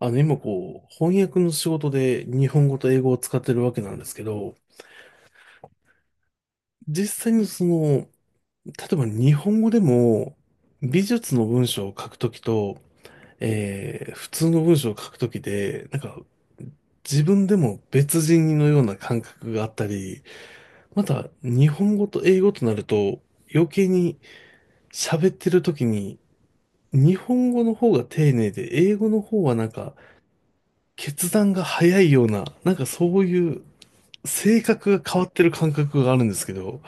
今こう、翻訳の仕事で日本語と英語を使ってるわけなんですけど、実際に例えば日本語でも美術の文章を書くときと、普通の文章を書くときで、なんか自分でも別人のような感覚があったり、また日本語と英語となると余計に喋ってる時に日本語の方が丁寧で英語の方はなんか決断が早いような、なんかそういう性格が変わってる感覚があるんですけど、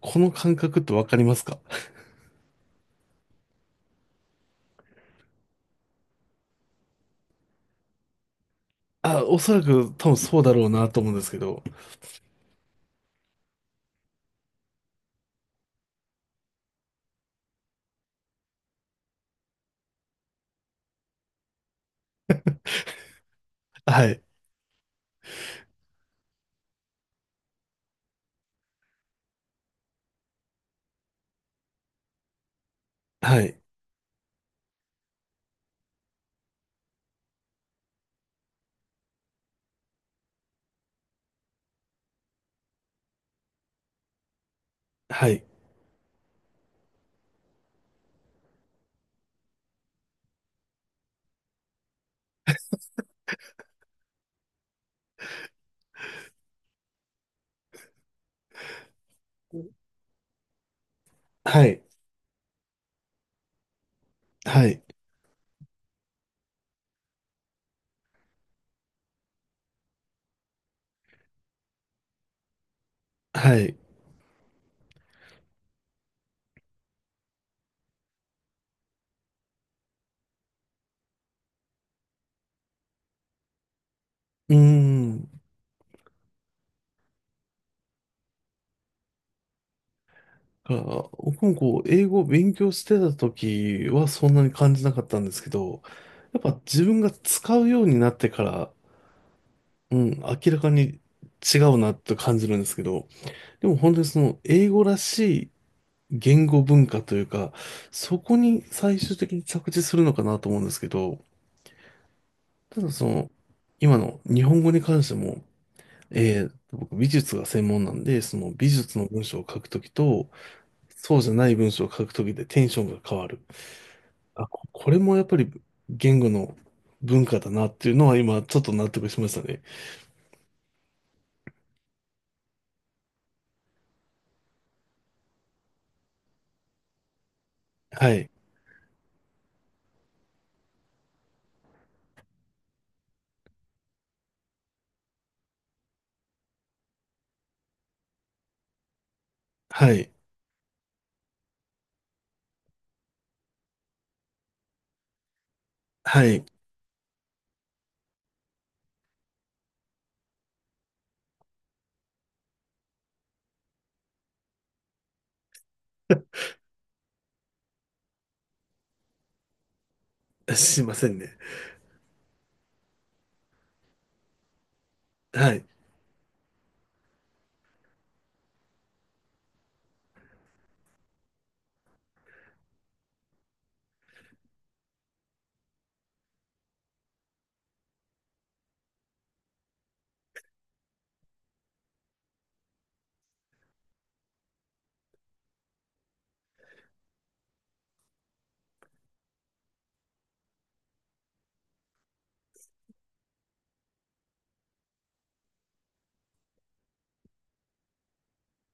この感覚ってわかりますか？あ、おそらく多分そうだろうなと思うんですけど。はい。はい。はい。はい。はい。はい。うーん。だから僕もこう、英語を勉強してた時はそんなに感じなかったんですけど、やっぱ自分が使うようになってから、うん、明らかに違うなと感じるんですけど、でも本当にその英語らし言語文化というか、そこに最終的に着地するのかなと思うんですけど、ただ今の日本語に関しても、僕美術が専門なんで、その美術の文章を書くときと、そうじゃない文章を書くときでテンションが変わる。あ、ここれもやっぱり言語の文化だなっていうのは今ちょっと納得しましたね。はい。はい。はい。すいませんね。はい。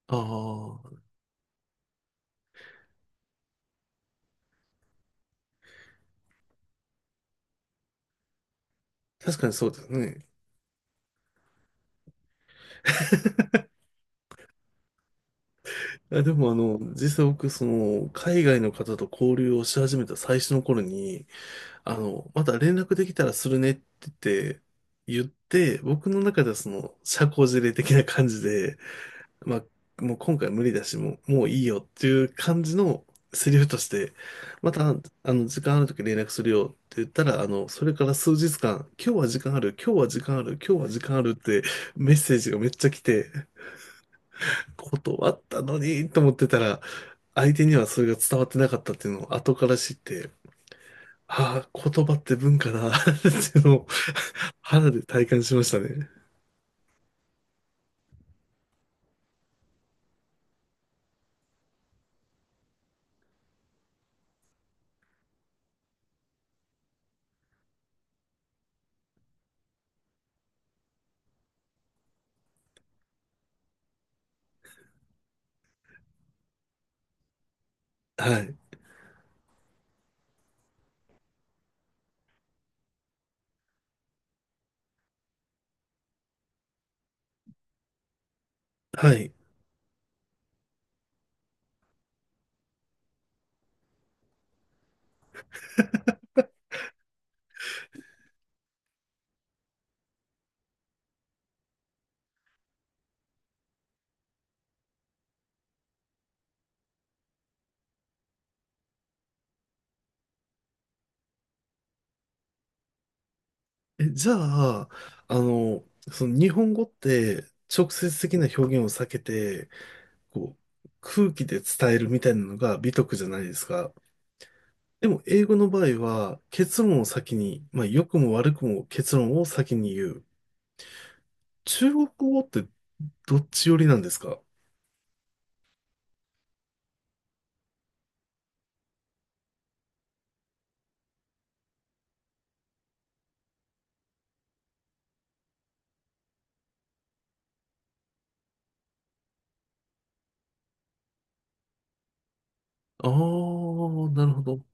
ああ、確かにそうですね。いや、でも実際僕、海外の方と交流をし始めた最初の頃に、また連絡できたらするねってて、言って僕の中では社交辞令的な感じで、まあ、もう今回無理だし、もういいよっていう感じのセリフとして、また、時間ある時連絡するよって言ったら、それから数日間、今日は時間ある、今日は時間ある、今日は時間あるってメッセージがめっちゃ来て、断ったのにと思ってたら、相手にはそれが伝わってなかったっていうのを後から知って、ああ、言葉って文化だ っていうのを肌で体感しましたね。はい。はい。え、じゃあ、あの、その日本語って直接的な表現を避けて、こう、空気で伝えるみたいなのが美徳じゃないですか。でも英語の場合は結論を先に、まあ良くも悪くも結論を先に言う。中国語ってどっち寄りなんですか？ああー、なるほど。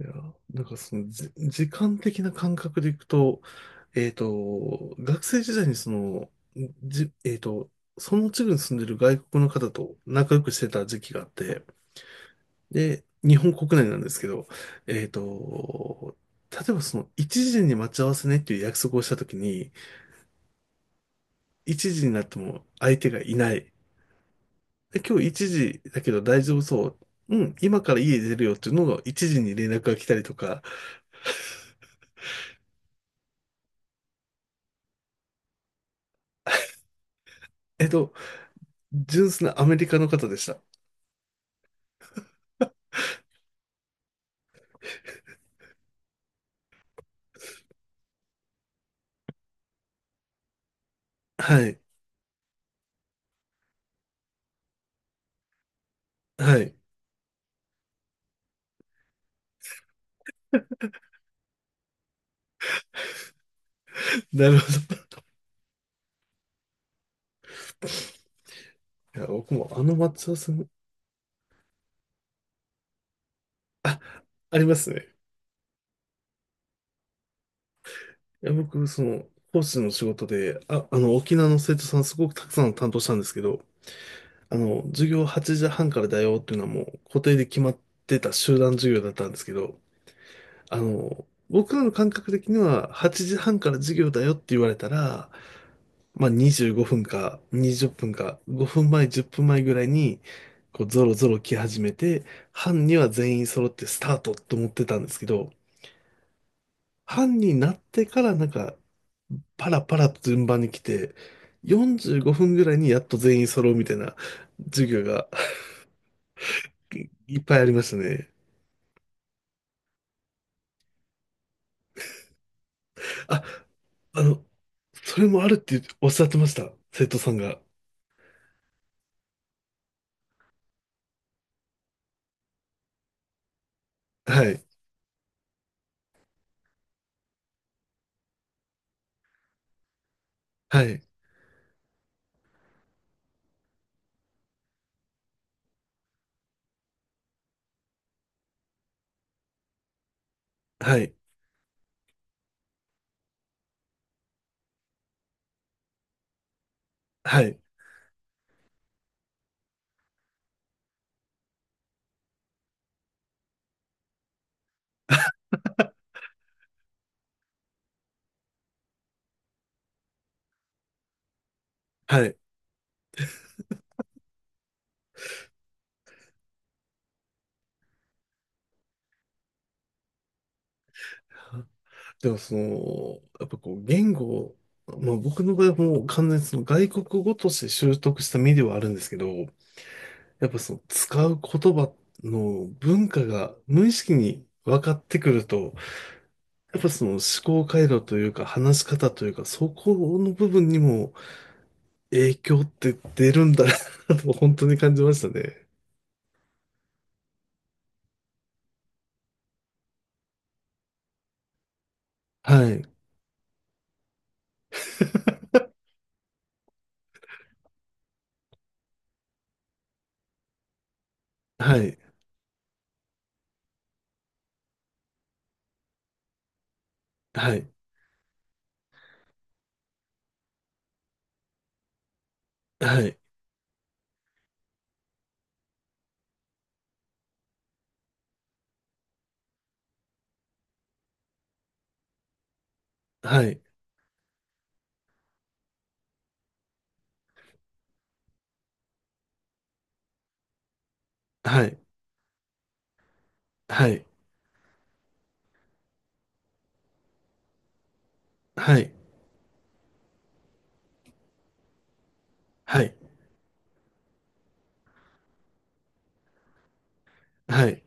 いや、なんか時間的な感覚でいくと、学生時代にその、じ、えっと、その地区に住んでる外国の方と仲良くしてた時期があって、で、日本国内なんですけど、えっと、例えばその一時に待ち合わせねっていう約束をしたときに、一時になっても相手がいない。で、今日一時だけど大丈夫そう。うん、今から家出るよっていうのが一時に連絡が来たりとか、えっと、純粋なアメリカの方でした。はい、はい。なるほど。いや、僕もあの待ち合わせも、あ、ありますね。いや、僕、講師の仕事で、沖縄の生徒さんすごくたくさん担当したんですけど、授業8時半からだよっていうのはもう固定で決まってた集団授業だったんですけど、僕らの感覚的には8時半から授業だよって言われたら、まあ25分か20分か5分前、10分前ぐらいにこうゾロゾロ来始めて、班には全員揃ってスタートと思ってたんですけど、班になってからなんかパラパラと順番に来て、45分ぐらいにやっと全員揃うみたいな授業がいっぱいありましたね。あ、あの、それもあるっておっしゃってました。生徒さんが。はい。はい。はい。はい。はい。でも、やっぱこう、言語、まあ僕の場合はもう完全にその外国語として習得した身ではあるんですけど、やっぱその使う言葉の文化が無意識に分かってくると、やっぱその思考回路というか話し方というか、そこの部分にも影響って出るんだなと本当に感じましたね。はい。はい。はい。はい。はい。はい。はい。はい。はい。はい。